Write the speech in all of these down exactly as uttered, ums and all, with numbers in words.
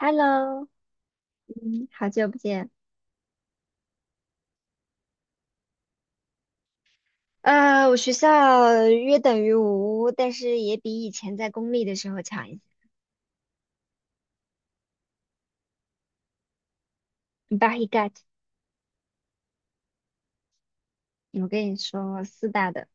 Hello，嗯，好久不见。呃，我学校约等于无，但是也比以前在公立的时候强一些。b a h e g o t。 我跟你说，四大的，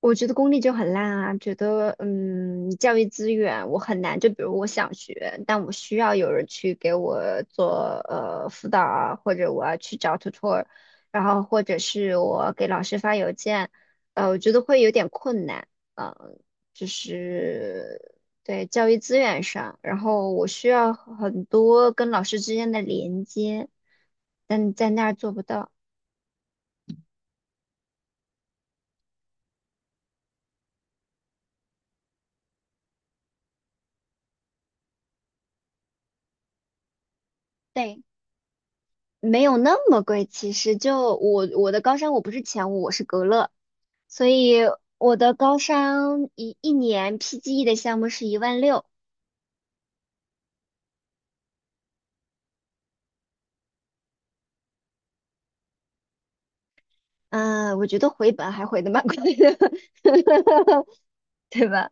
我觉得公立就很烂啊，觉得嗯，教育资源我很难。就比如我想学，但我需要有人去给我做呃辅导啊，或者我要去找 tutor，然后或者是我给老师发邮件，呃，我觉得会有点困难。嗯、就是对教育资源上，然后我需要很多跟老师之间的连接，但在那儿做不到。对。没有那么贵，其实就我我的高山，我不是前五，我是格勒，所以我的高山一一年 P G E 的项目是一万六。嗯，我觉得回本还回的蛮快的，对吧？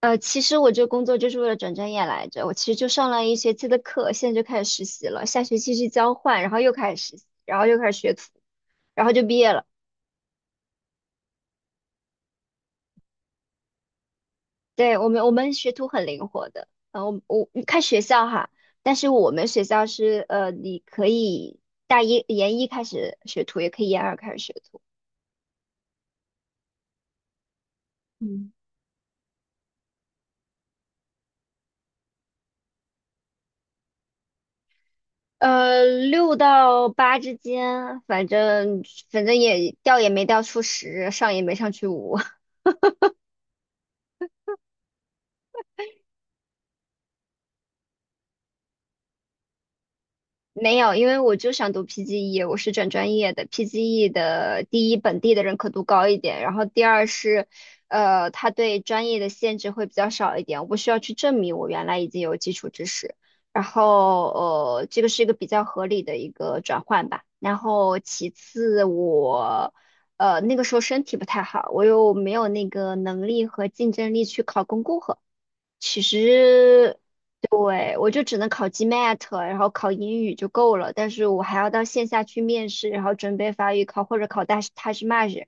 呃，其实我这工作就是为了转专业来着，我其实就上了一学期的课，现在就开始实习了，下学期去交换，然后又开始实习，然后又开始学徒，然后就毕业了。对，我们我们学徒很灵活的，呃，我我看学校哈，但是我们学校是呃，你可以大一研一开始学徒，也可以研二开始学徒，嗯，呃，六到八之间，反正反正也掉也没掉出十，上也没上去五，没有，因为我就想读 P G E,我是转专业的。P G E 的第一，本地的认可度高一点，然后第二是，呃，它对专业的限制会比较少一点，我不需要去证明我原来已经有基础知识。然后，呃，这个是一个比较合理的一个转换吧。然后其次我，呃，那个时候身体不太好，我又没有那个能力和竞争力去考公共课。其实对，我就只能考 G M A T,然后考英语就够了，但是我还要到线下去面试，然后准备法语考或者考大塔什马日。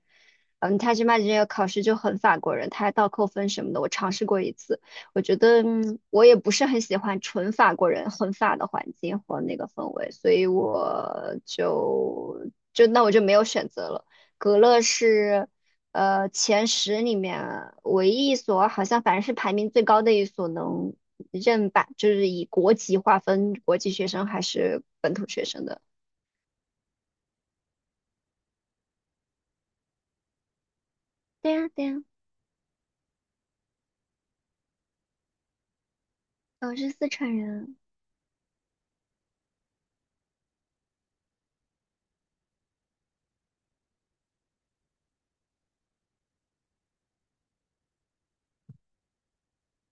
嗯，塔什马日这个考试就很法国人，他还倒扣分什么的，我尝试过一次，我觉得嗯，我也不是很喜欢纯法国人很法的环境和那个氛围，所以我就就那我就没有选择了。格勒是。呃前十里面唯一一所好像反正是排名最高的一所能认吧，就是以国籍划分国际学生还是本土学生的。对呀，对呀，我是四川人。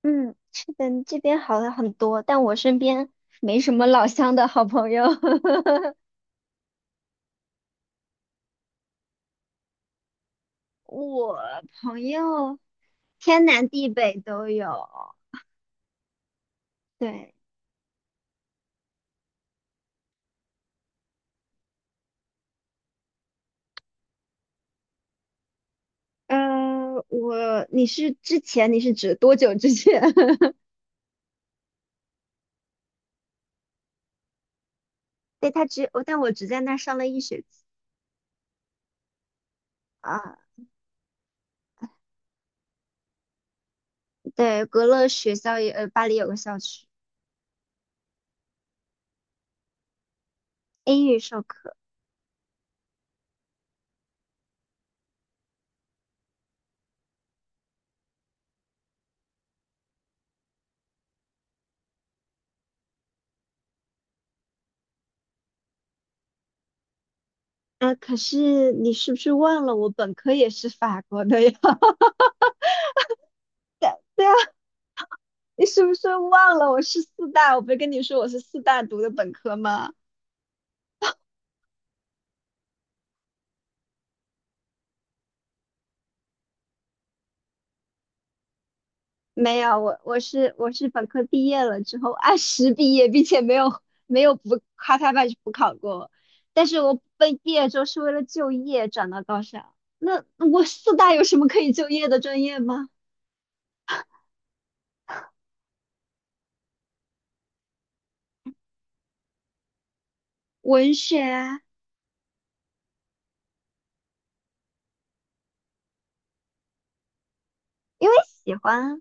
嗯，是的，这边好了很多，但我身边没什么老乡的好朋友。我朋友天南地北都有。对，呃，我，你是之前，你是指多久之前？对，他只，我但我只在那儿上了一学期。啊，对，格勒学校也，呃，巴黎有个校区，英语授课。啊，可是你是不是忘了我本科也是法国的呀？对啊，你是不是忘了我是四大？我不是跟你说我是四大读的本科吗？没有，我我是我是本科毕业了之后按时毕业，并且没有没有补咔咔半去补考过，但是我被毕业之后是为了就业转到高校。那我四大有什么可以就业的专业吗？文学啊，因为喜欢啊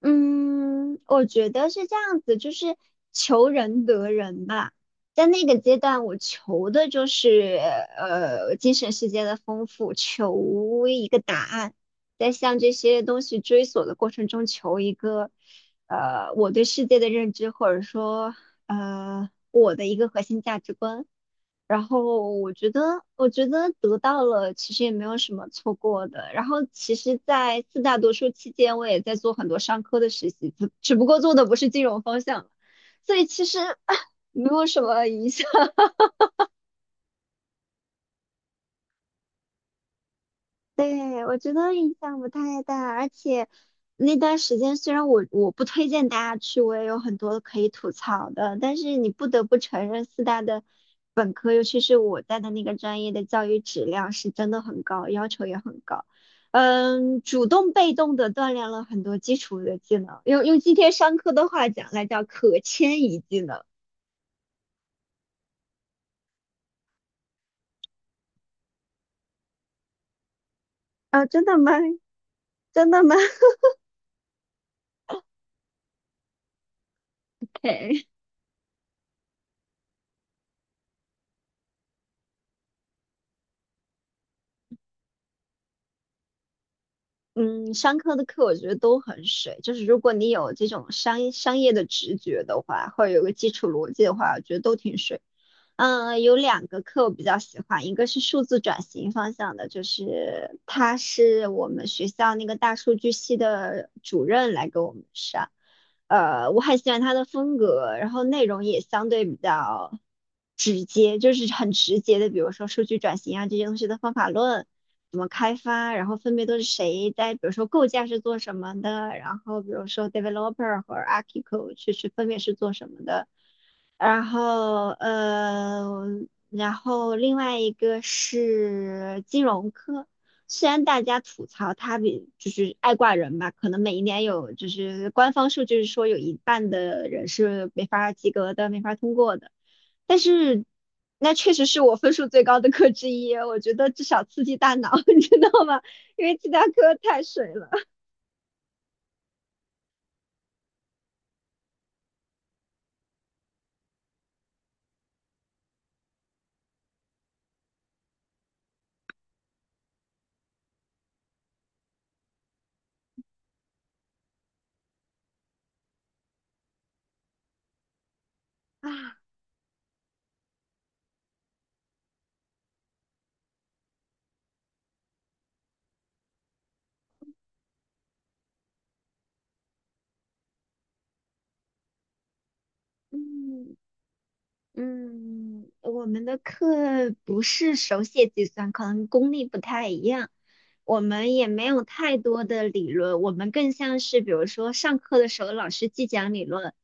嗯，我觉得是这样子，就是求人得人吧。在那个阶段，我求的就是呃精神世界的丰富，求一个答案，在向这些东西追索的过程中，求一个呃我对世界的认知，或者说呃我的一个核心价值观。然后我觉得，我觉得得到了，其实也没有什么错过的。然后其实，在四大读书期间，我也在做很多商科的实习，只只不过做的不是金融方向，所以其实 没有什么影响。对，我觉得影响不太大，而且那段时间虽然我我不推荐大家去，我也有很多可以吐槽的，但是你不得不承认，四大的本科，尤其是我在的那个专业的教育质量是真的很高，要求也很高。嗯，主动被动的锻炼了很多基础的技能，用用今天上课的话讲那叫可迁移技能。啊，真的吗？真的吗？嗯，商科的课我觉得都很水，就是如果你有这种商商业的直觉的话，或者有个基础逻辑的话，我觉得都挺水。嗯，有两个课我比较喜欢，一个是数字转型方向的，就是他是我们学校那个大数据系的主任来给我们上，呃，我很喜欢他的风格，然后内容也相对比较直接，就是很直接的，比如说数据转型啊这些东西的方法论，怎么开发，然后分别都是谁在，比如说构架是做什么的，然后比如说 developer 和 architect 是是分别是做什么的，然后呃，然后另外一个是金融科。虽然大家吐槽他比就是爱挂人吧，可能每一年有就是官方数据是说有一半的人是没法及格的，没法通过的。但是那确实是我分数最高的课之一，我觉得至少刺激大脑，你知道吗？因为其他科太水了啊。嗯。嗯，我们的课不是手写计算，可能功力不太一样。我们也没有太多的理论，我们更像是比如说上课的时候老师既讲理论，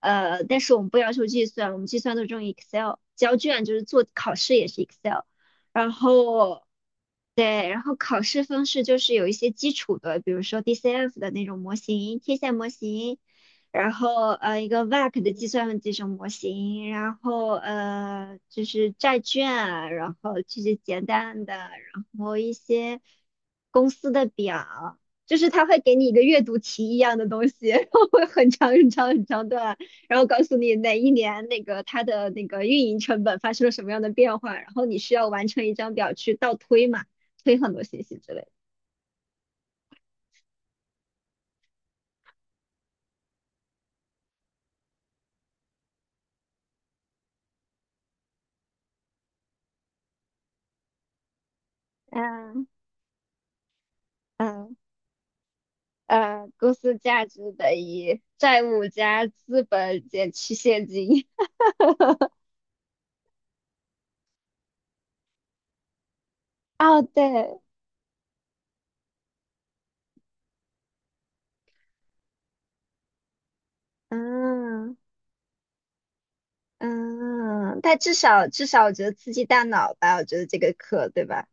呃，但是我们不要求计算，我们计算都是用 Excel,交卷就是做考试也是 Excel,然后对，然后考试方式就是有一些基础的，比如说 D C F 的那种模型、贴现模型。然后呃一个 V A C 的计算的这种模型，然后呃就是债券啊，然后这些简单的，然后一些公司的表，就是他会给你一个阅读题一样的东西，然后会很长很长很长段，然后告诉你哪一年那个它的那个运营成本发生了什么样的变化，然后你需要完成一张表去倒推嘛，推很多信息之类的。嗯嗯，呃公司价值等于债务加资本减去现金。哦，对，嗯嗯，但至少至少我觉得刺激大脑吧，我觉得这个课对吧？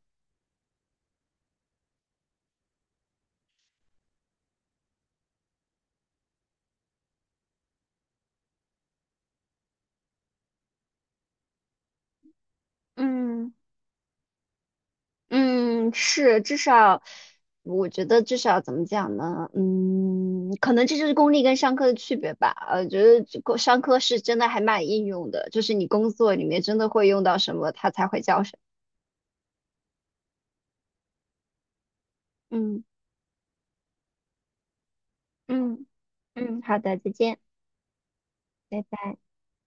嗯嗯，是，至少我觉得至少怎么讲呢？嗯，可能这就是公立跟商科的区别吧。呃，觉得这个商科是真的还蛮应用的，就是你工作里面真的会用到什么，它才会叫什么。嗯嗯嗯，好的，再见。拜拜。